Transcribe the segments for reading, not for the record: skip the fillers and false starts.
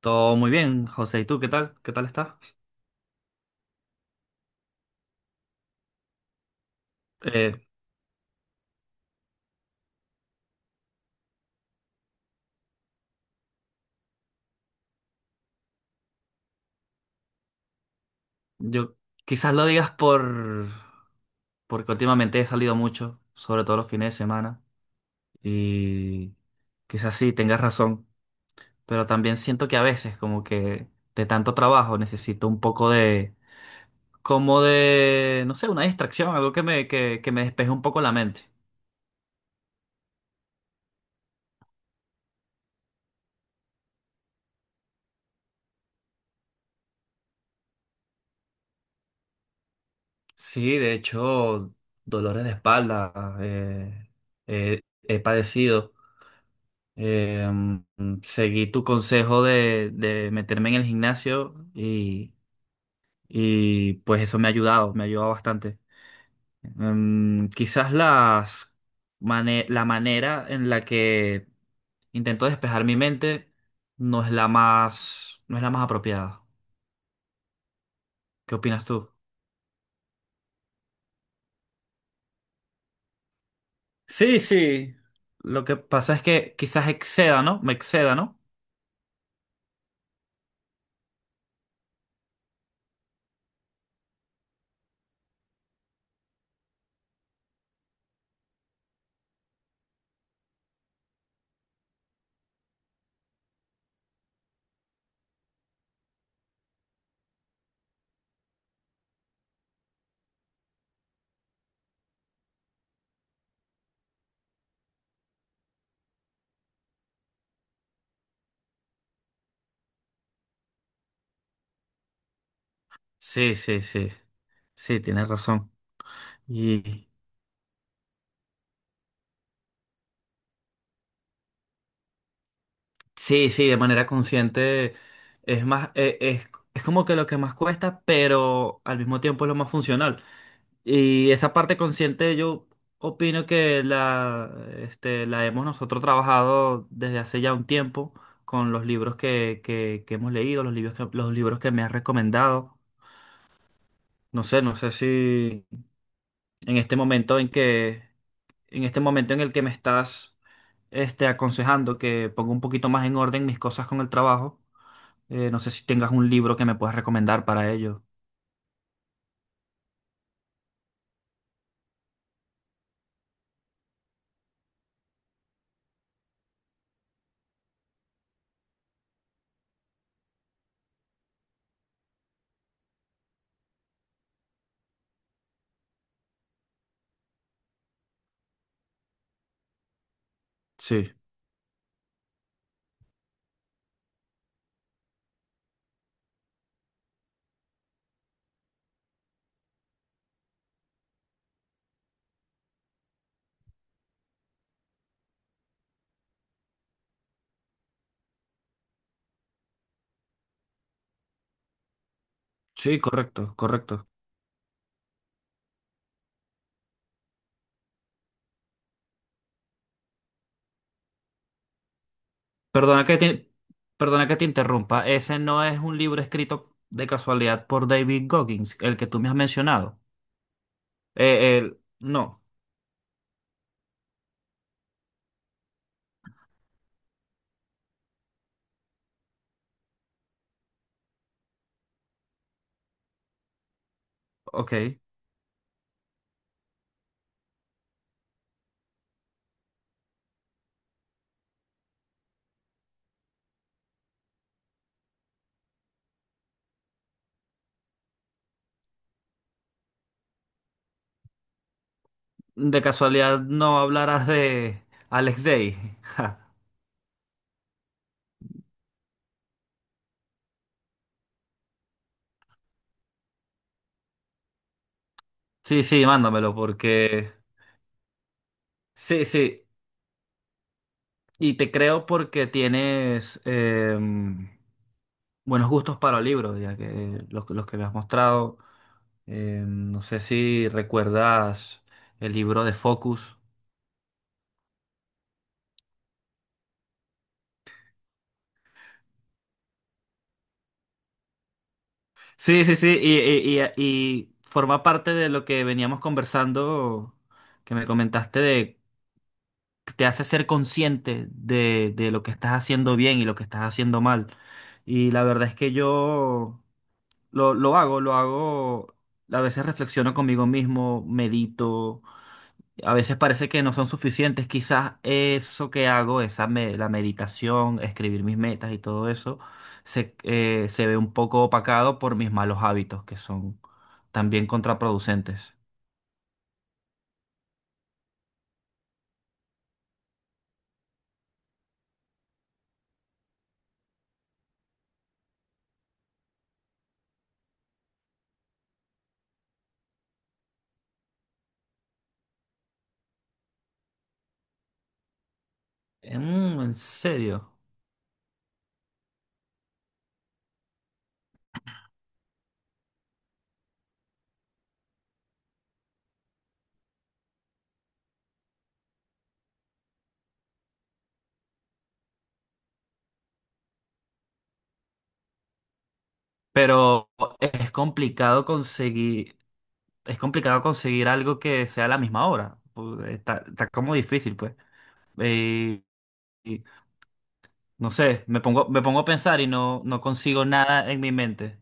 Todo muy bien, José. ¿Y tú qué tal? ¿Qué tal estás? Eh, yo quizás lo digas porque últimamente he salido mucho, sobre todo los fines de semana, y quizás sí tengas razón, pero también siento que a veces como que de tanto trabajo necesito un poco de como de no sé, una distracción, algo que me despeje un poco la mente. Sí, de hecho, dolores de espalda eh, he padecido. Seguí tu consejo de meterme en el gimnasio y, pues eso me ha ayudado bastante. Quizás la manera en la que intento despejar mi mente no es la más, no es la más apropiada. ¿Qué opinas tú? Sí, sí. Lo que pasa es que quizás exceda, ¿no? Me exceda, ¿no? Sí, sí, sí. Sí, tienes razón. Sí, sí, de manera consciente es como que lo que más cuesta, pero al mismo tiempo es lo más funcional. Y esa parte consciente yo opino que la hemos nosotros trabajado desde hace ya un tiempo con los libros que hemos leído, los libros que me has recomendado. No sé, no sé si en este momento en que, en este momento en el que me estás, aconsejando que ponga un poquito más en orden mis cosas con el trabajo. No sé si tengas un libro que me puedas recomendar para ello. Sí, sí, correcto, correcto. Perdona que te, perdona que te interrumpa. Ese no es un libro escrito de casualidad por David Goggins, el que tú me has mencionado. No, ok. De casualidad no hablarás de Alex Day. Ja. Sí, sí, mándamelo porque... Sí, sí. Y te creo porque tienes buenos gustos para libros, ya que los que me has mostrado. No sé si recuerdas el libro de Focus. Sí, sí, sí, y forma parte de lo que veníamos conversando, que me comentaste de que te hace ser consciente de lo que estás haciendo bien y lo que estás haciendo mal. Y la verdad es que yo lo hago, lo hago. A veces reflexiono conmigo mismo, medito. A veces parece que no son suficientes. Quizás eso que hago, la meditación, escribir mis metas y todo eso, se ve un poco opacado por mis malos hábitos, que son también contraproducentes. Mm, en serio. Pero es complicado conseguir, es complicado conseguir algo que sea a la misma hora. Pues, está como difícil, pues. Eh, No sé, me pongo a pensar y no, no consigo nada en mi mente.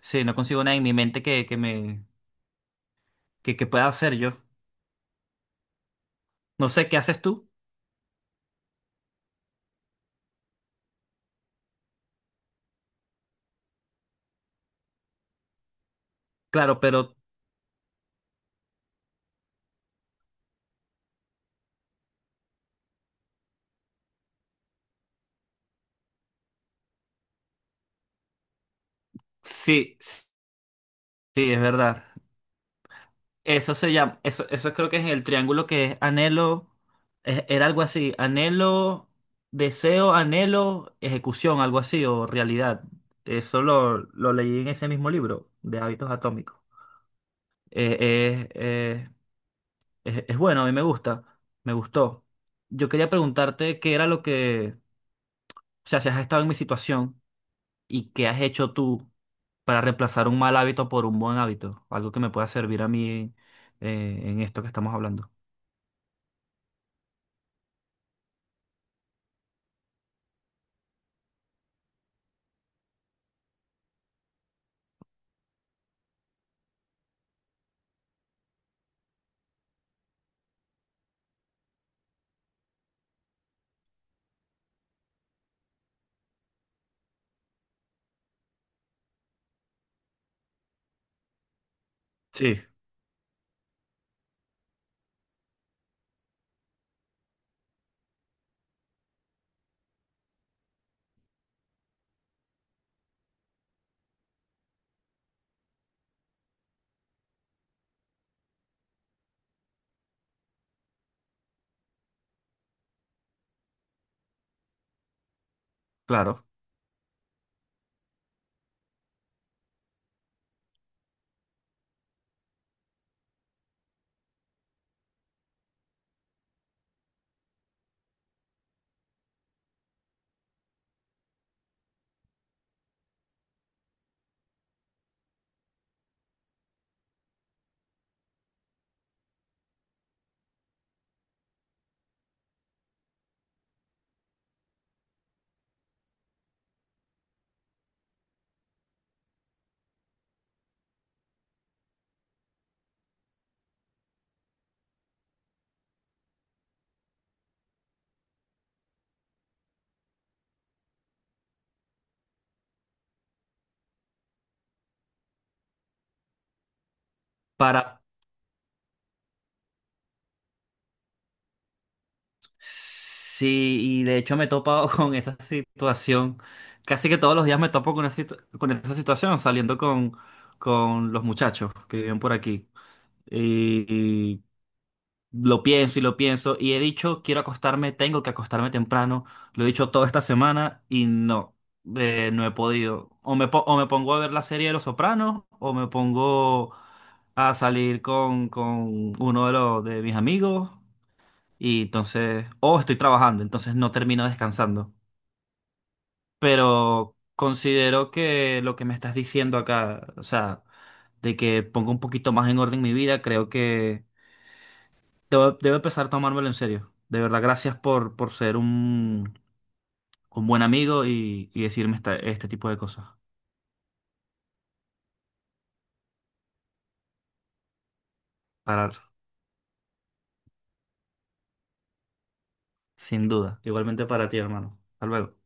Sí, no consigo nada en mi mente que pueda hacer yo. No sé qué haces tú, claro, pero sí, sí, es verdad. Eso se llama, eso creo que es el triángulo que es anhelo, es- era algo así, anhelo, deseo, anhelo, ejecución, algo así, o realidad. Eso lo leí en ese mismo libro de hábitos atómicos. Eh, eh, eh, es bueno, a mí me gusta, me gustó. Yo quería preguntarte qué era lo que, o sea, si has estado en mi situación y qué has hecho tú para reemplazar un mal hábito por un buen hábito, algo que me pueda servir a mí en esto que estamos hablando. Sí, claro. Para, sí, y de hecho me he topado con esa situación, casi que todos los días me topo con, con esa situación saliendo con los muchachos que viven por aquí. Y lo pienso y lo pienso y he dicho, quiero acostarme, tengo que acostarme temprano. Lo he dicho toda esta semana y no, no he podido. O me pongo a ver la serie de Los Sopranos o me pongo a salir con, de mis amigos y entonces, o estoy trabajando, entonces no termino descansando. Pero considero que lo que me estás diciendo acá, o sea, de que ponga un poquito más en orden mi vida, creo que... Debo, debo empezar a tomármelo en serio. De verdad, gracias por ser un buen amigo y decirme este tipo de cosas. Parar, sin duda. Igualmente para ti, hermano. Hasta luego.